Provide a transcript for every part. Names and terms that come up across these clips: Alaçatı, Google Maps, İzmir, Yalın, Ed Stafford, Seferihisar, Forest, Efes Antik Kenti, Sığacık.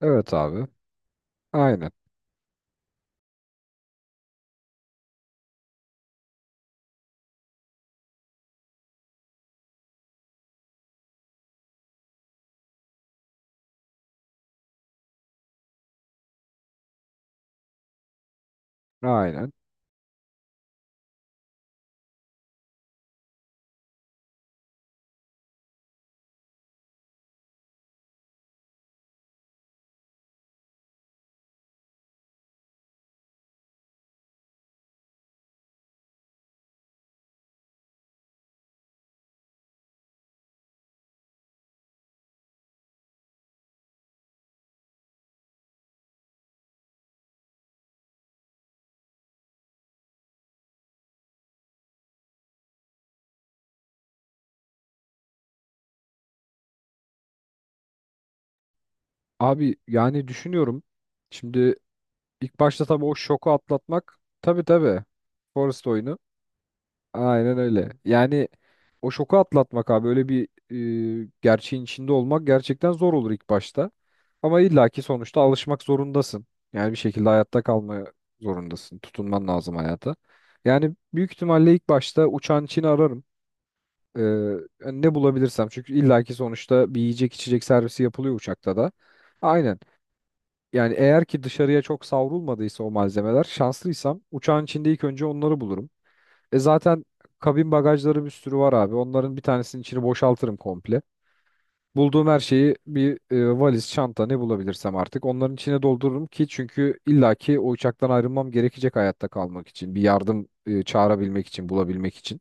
Evet abi. Aynen. Aynen. Abi yani düşünüyorum. Şimdi ilk başta tabii o şoku atlatmak. Tabii tabii. Forest oyunu. Aynen öyle. Yani o şoku atlatmak abi. Öyle bir gerçeğin içinde olmak gerçekten zor olur ilk başta. Ama illaki sonuçta alışmak zorundasın. Yani bir şekilde hayatta kalmaya zorundasın. Tutunman lazım hayata. Yani büyük ihtimalle ilk başta uçan için ararım. Ee, Yani ne bulabilirsem çünkü illaki sonuçta bir yiyecek içecek servisi yapılıyor uçakta da. Aynen. Yani eğer ki dışarıya çok savrulmadıysa o malzemeler şanslıysam uçağın içinde ilk önce onları bulurum. E zaten kabin bagajları bir sürü var abi. Onların bir tanesinin içini boşaltırım komple. Bulduğum her şeyi bir valiz, çanta ne bulabilirsem artık onların içine doldururum ki çünkü illaki o uçaktan ayrılmam gerekecek hayatta kalmak için. Bir yardım çağırabilmek için, bulabilmek için.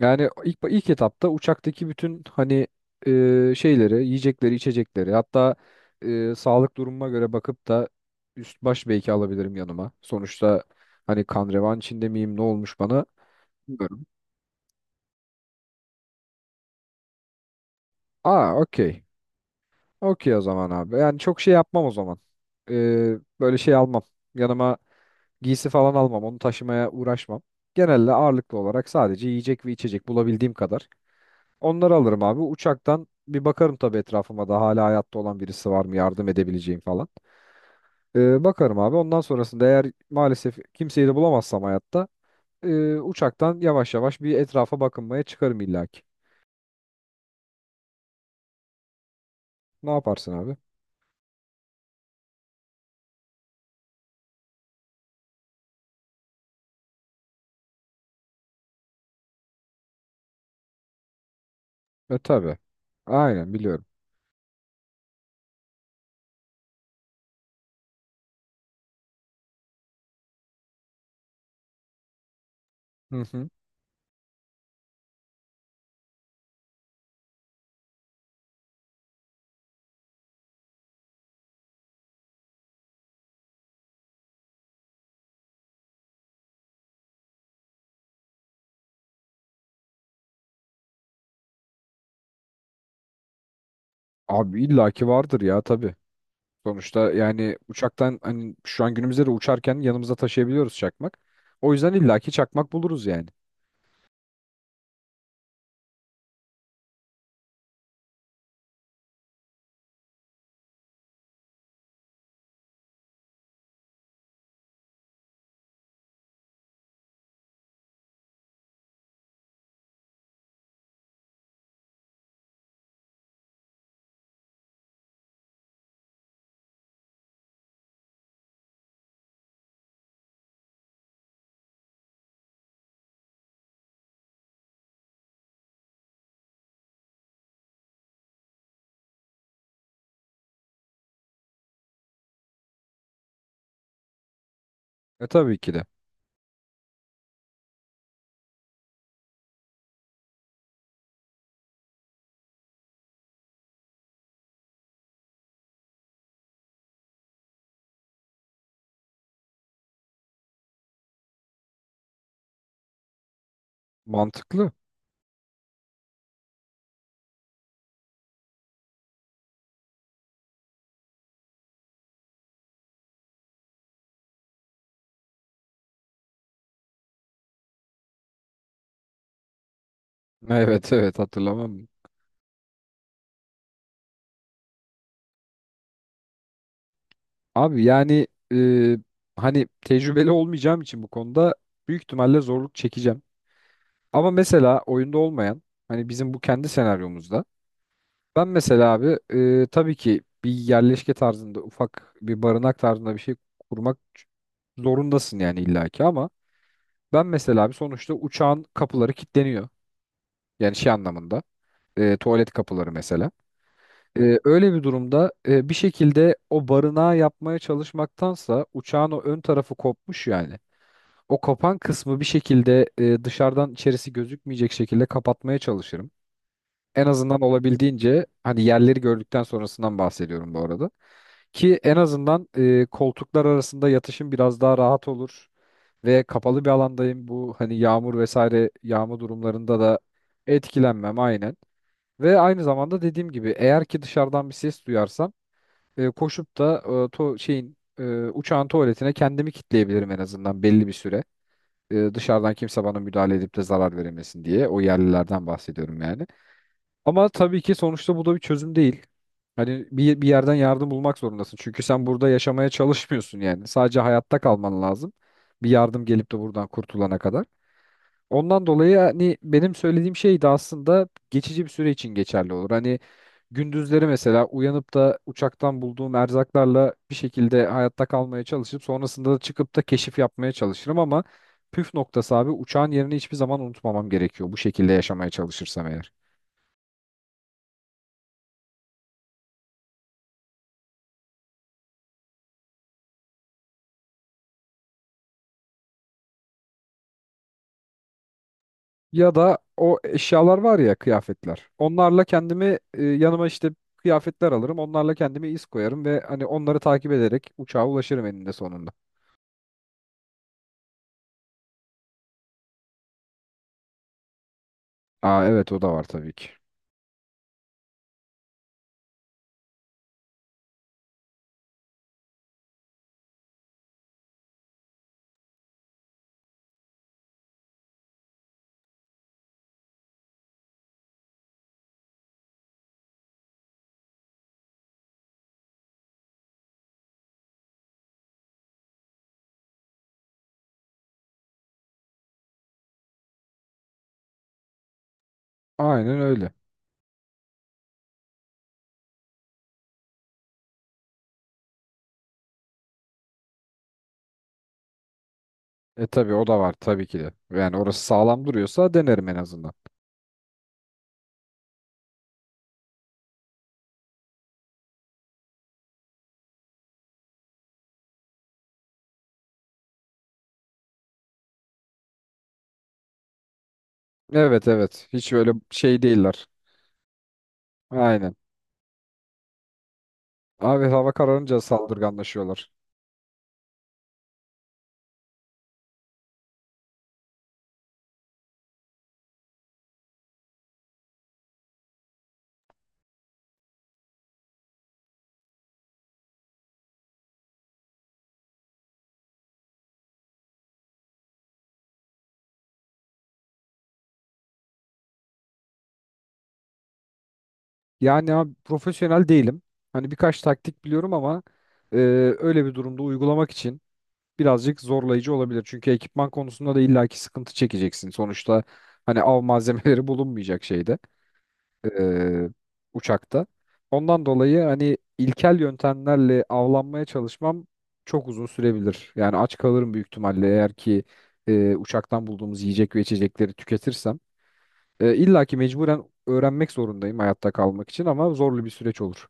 Yani ilk etapta uçaktaki bütün hani şeyleri, yiyecekleri, içecekleri, hatta sağlık durumuma göre bakıp da üst baş belki alabilirim yanıma. Sonuçta hani kan revan içinde miyim, ne olmuş bana bilmiyorum. Aa, okey. Okey o zaman abi. Yani çok şey yapmam o zaman. E, Böyle şey almam. Yanıma giysi falan almam. Onu taşımaya uğraşmam. Genelde ağırlıklı olarak sadece yiyecek ve içecek bulabildiğim kadar. Onları alırım abi. Uçaktan bir bakarım tabii etrafıma da hala hayatta olan birisi var mı yardım edebileceğim falan. Bakarım abi. Ondan sonrasında eğer maalesef kimseyi de bulamazsam hayatta uçaktan yavaş yavaş bir etrafa bakınmaya çıkarım illaki. Ne yaparsın abi? E tabii. Aynen biliyorum. Hı hı. Abi illaki vardır ya tabii. Sonuçta yani uçaktan hani şu an günümüzde de uçarken yanımıza taşıyabiliyoruz çakmak. O yüzden illaki çakmak buluruz yani. E tabii ki de. Mantıklı. Evet evet hatırlamam. Abi yani e, hani tecrübeli olmayacağım için bu konuda büyük ihtimalle zorluk çekeceğim. Ama mesela oyunda olmayan hani bizim bu kendi senaryomuzda ben mesela abi tabii ki bir yerleşke tarzında ufak bir barınak tarzında bir şey kurmak zorundasın yani illaki ama ben mesela abi sonuçta uçağın kapıları kilitleniyor. Yani şey anlamında tuvalet kapıları mesela. Öyle bir durumda bir şekilde o barınağı yapmaya çalışmaktansa uçağın o ön tarafı kopmuş yani. O kapan kısmı bir şekilde dışarıdan içerisi gözükmeyecek şekilde kapatmaya çalışırım. En azından olabildiğince hani yerleri gördükten sonrasından bahsediyorum bu arada. Ki en azından koltuklar arasında yatışım biraz daha rahat olur ve kapalı bir alandayım. Bu hani yağmur vesaire yağma durumlarında da etkilenmem aynen. Ve aynı zamanda dediğim gibi eğer ki dışarıdan bir ses duyarsam koşup da uçağın tuvaletine kendimi kitleyebilirim en azından belli bir süre dışarıdan kimse bana müdahale edip de zarar veremesin diye. O yerlilerden bahsediyorum yani. Ama tabii ki sonuçta bu da bir çözüm değil. Hani bir yerden yardım bulmak zorundasın. Çünkü sen burada yaşamaya çalışmıyorsun yani. Sadece hayatta kalman lazım. Bir yardım gelip de buradan kurtulana kadar. Ondan dolayı hani benim söylediğim şey de aslında geçici bir süre için geçerli olur. Hani gündüzleri mesela uyanıp da uçaktan bulduğum erzaklarla bir şekilde hayatta kalmaya çalışıp sonrasında da çıkıp da keşif yapmaya çalışırım ama püf noktası abi uçağın yerini hiçbir zaman unutmamam gerekiyor bu şekilde yaşamaya çalışırsam eğer. Ya da o eşyalar var ya kıyafetler. Onlarla kendimi yanıma işte kıyafetler alırım. Onlarla kendime iz koyarım ve hani onları takip ederek uçağa ulaşırım eninde sonunda. Aa evet o da var tabii ki. Aynen öyle. E tabii o da var tabii ki de. Yani orası sağlam duruyorsa denerim en azından. Evet evet. Hiç öyle şey değiller. Aynen. Abi hava kararınca saldırganlaşıyorlar. Yani abi profesyonel değilim. Hani birkaç taktik biliyorum ama e, öyle bir durumda uygulamak için birazcık zorlayıcı olabilir. Çünkü ekipman konusunda da illaki sıkıntı çekeceksin. Sonuçta hani av malzemeleri bulunmayacak şeyde. e, Uçakta. Ondan dolayı hani ilkel yöntemlerle avlanmaya çalışmam çok uzun sürebilir. Yani aç kalırım büyük ihtimalle eğer ki uçaktan bulduğumuz yiyecek ve içecekleri tüketirsem. İlla ki mecburen öğrenmek zorundayım hayatta kalmak için ama zorlu bir süreç olur.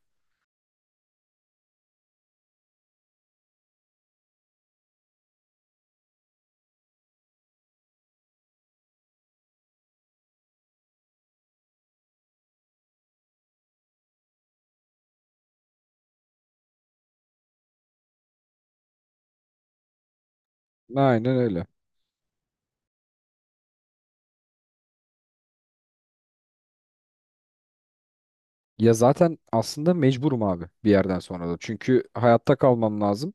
Aynen öyle. Ya zaten aslında mecburum abi bir yerden sonra da. Çünkü hayatta kalmam lazım.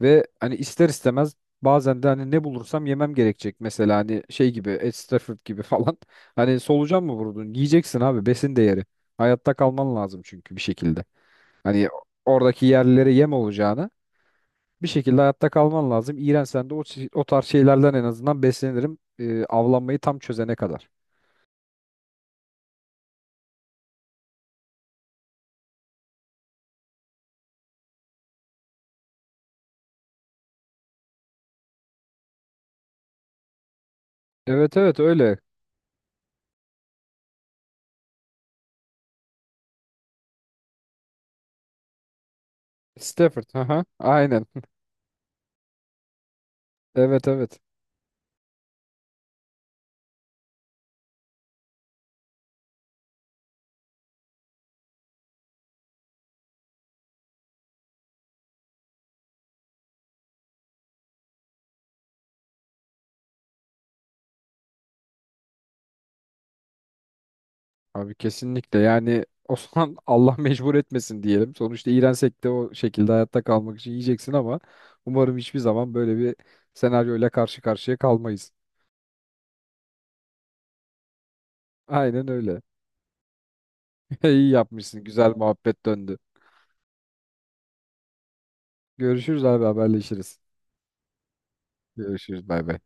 Ve hani ister istemez bazen de hani ne bulursam yemem gerekecek. Mesela hani şey gibi Ed Stafford gibi falan. Hani solucan mı vurdun? Yiyeceksin abi besin değeri. Hayatta kalman lazım çünkü bir şekilde. Hani oradaki yerlilere yem olacağına bir şekilde hayatta kalman lazım. İğrensen de o tarz şeylerden en azından beslenirim. Avlanmayı tam çözene kadar. Evet evet öyle. Stafford. Aha, aynen. Evet evet. Abi kesinlikle yani Osman Allah mecbur etmesin diyelim. Sonuçta iğrensek de o şekilde hayatta kalmak için yiyeceksin ama umarım hiçbir zaman böyle bir senaryoyla karşı karşıya kalmayız. Aynen öyle. İyi yapmışsın. Güzel muhabbet döndü. Görüşürüz abi haberleşiriz. Görüşürüz bay bay.